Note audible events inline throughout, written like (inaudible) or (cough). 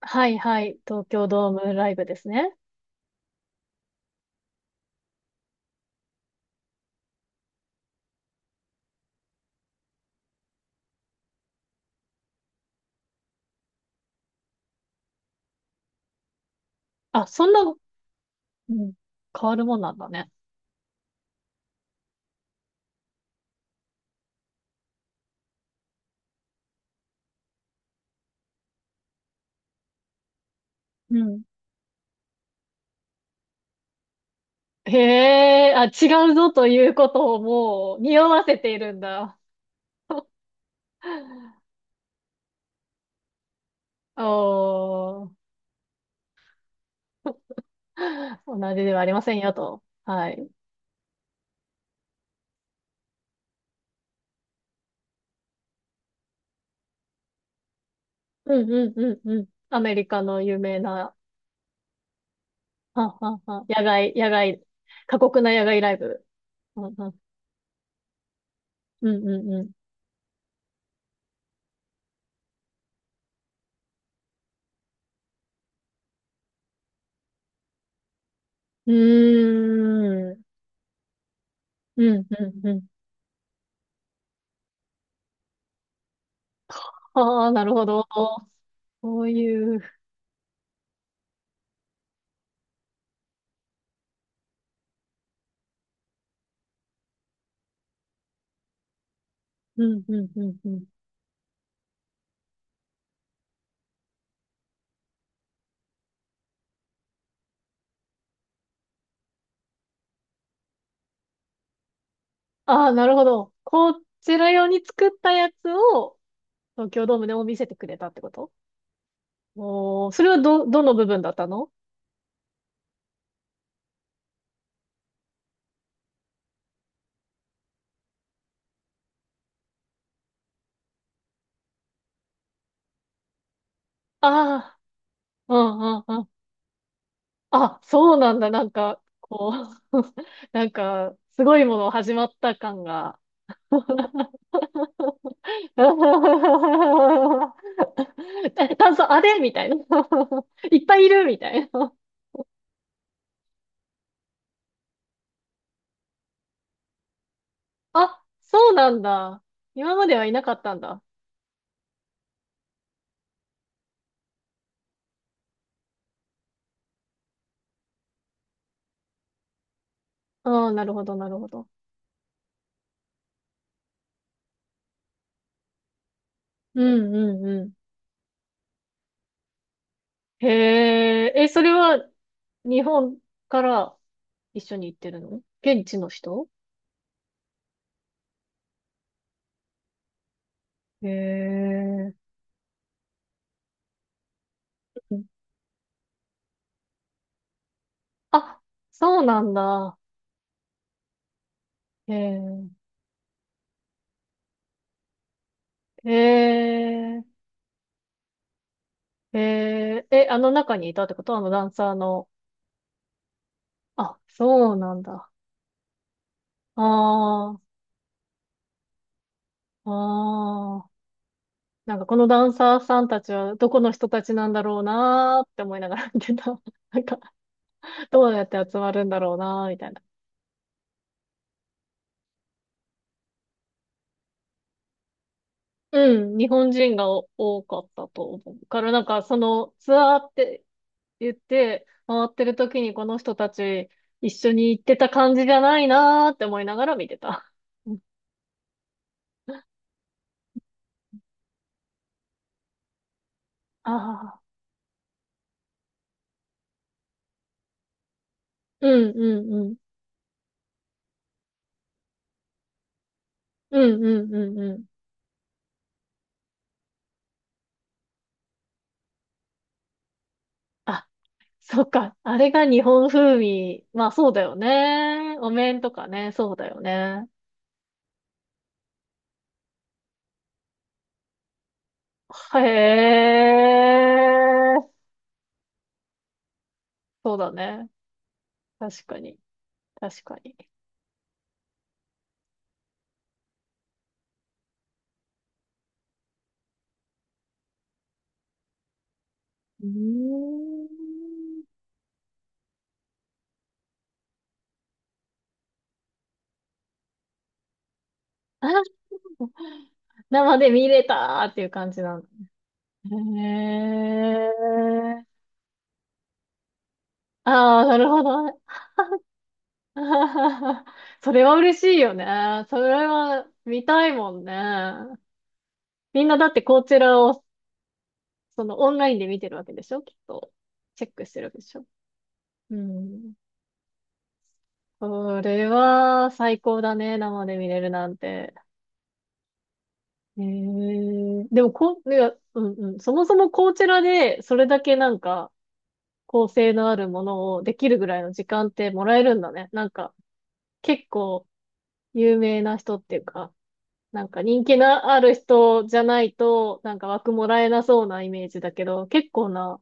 はいはい。東京ドームライブですね。あ、そんな、うん、変わるもんなんだね。うん。へえ、あ、違うぞということをもう匂わせているんだ。(laughs) おー、同じではありませんよと。はい。うんうんうんうん。アメリカの有名な、はんはんはん、野外、野外、過酷な野外ライブ。うんうんうんうんうん。うーん。うんうんうん。ああ、なるほど。そういう、うん、うん、うん、うん。ああ、なるほど。こちら用に作ったやつを東京ドームでも見せてくれたってこと？おー、それはどの部分だったの？ああー、うんうんうん。あ、そうなんだ。なんか、こう、 (laughs) なんか、すごいもの始まった感が。(laughs) え炭素、あれみたいな。(laughs) いっぱいいるみたいな。あ、そうなんだ。今まではいなかったんだ。うん、なるほど、なるほど。うんうんうん。へえ、え、それは日本から一緒に行ってるの？現地の人？へえ。うん、あ、そうなんだ。へえ。へえ。へえ。え、あの中にいたってこと？あのダンサーの。あ、そうなんだ。ああ、ああ。なんかこのダンサーさんたちはどこの人たちなんだろうなーって思いながら見てた。なんか、どうやって集まるんだろうなーみたいな。うん、日本人がお多かったと思うから、なんかそのツアーって言って回ってる時にこの人たち一緒に行ってた感じじゃないなーって思いながら見てた。(laughs) うん、ああ、うんうんうん。うんうんうんうん。あ、そっか。あれが日本風味。まあそうだよね。お面とかね、そうだよね。へえ、そうだね。確かに。確かに。うーん。あ、生で見れたーっていう感じなんだ。へえ。ああ、なるほどね。(laughs) あははは。それは嬉しいよね。それは見たいもんね。みんなだってこちらをそのオンラインで見てるわけでしょきっと。チェックしてるわけでしょ。うん。それは最高だね。生で見れるなんて。へえ。でもこ、いや、うんうん。そもそもこちらでそれだけなんか、構成のあるものをできるぐらいの時間ってもらえるんだね。なんか、結構有名な人っていうか、なんか人気のある人じゃないと、なんか枠もらえなそうなイメージだけど、結構な、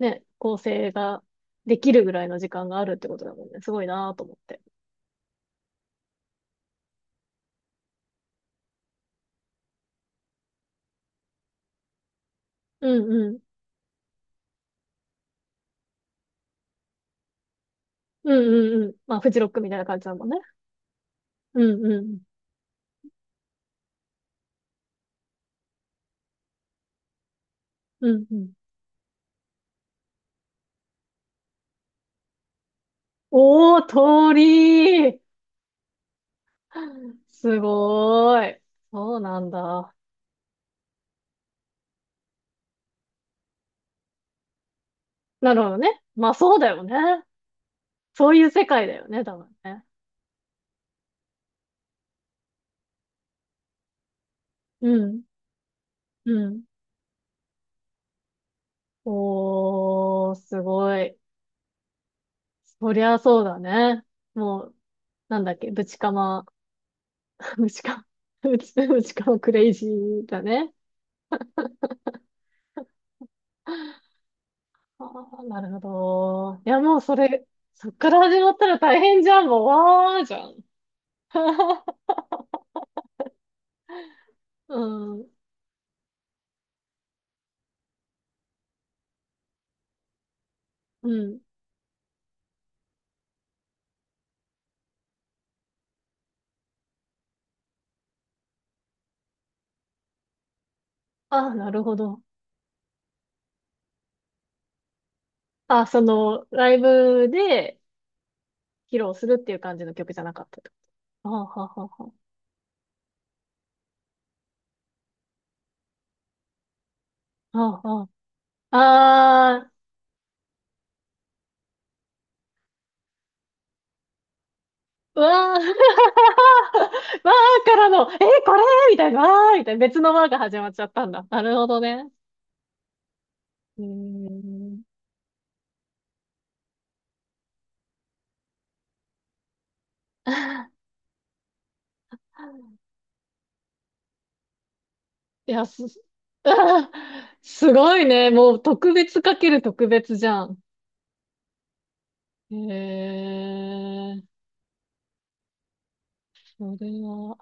ね、構成ができるぐらいの時間があるってことだもんね。すごいなと思って。うんうん。うんうんうん。まあ、フジロックみたいな感じだもんね。うんうん。うんうん。おー、通り。 (laughs) すごーい。そうなんだ。なるほどね。まあそうだよね。そういう世界だよね、多分ね。うん、うん。おー、すごい。そりゃそうだね。もう、なんだっけ、ぶちかま、(laughs) ぶちか、ぶち、ぶちかまクレイジーだね。ああ、なるほど。いや、もうそれ、そっから始まったら大変じゃん、もう、わーじゃん。(laughs) うん、うん。ああ、なるほど。あ、その、ライブで披露するっていう感じの曲じゃなかった。はあはあはあはあ。はあ、ああー、うわー、 (laughs) わあからの、えー、これみたいな、わーみたいな、別のわあが始まっちゃったんだ。なるほどね。うーん。(laughs) いや、す、あーすごいね。もう特別かける特別じゃん。へえ、それは、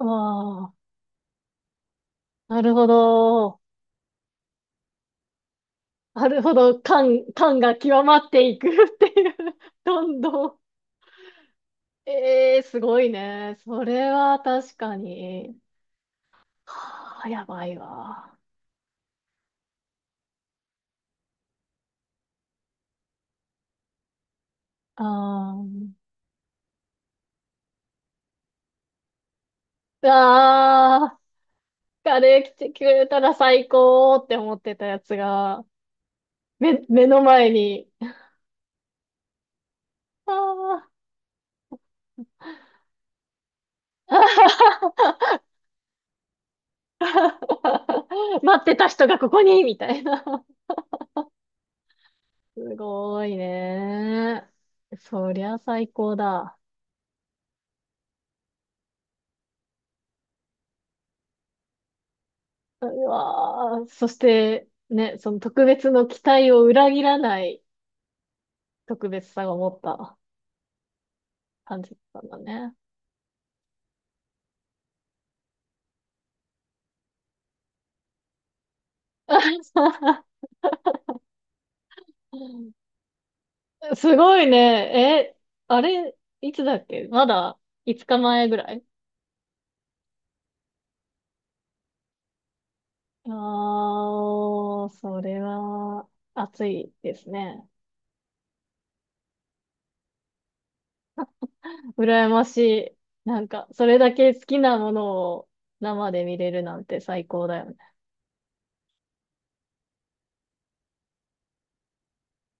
ああ、なるほど。なるほど。感、感が極まっていくっていう。どんどん。ええー、すごいね。それは確かに。はあ、やばいわ。あー、あー、カレー来てくれたら最高って思ってたやつが、目、目の前に、あー。 (laughs) 待ってた人がここにみたいな。すごいね。そりゃ最高だ。うわー、そして、ね、その特別の期待を裏切らない特別さを持った。感じゅったんだね。(laughs) すごいね。え、あれ、いつだっけ、まだ5日前ぐらい？ああー、それは暑いですね。羨ましい。なんか、それだけ好きなものを生で見れるなんて最高だよね。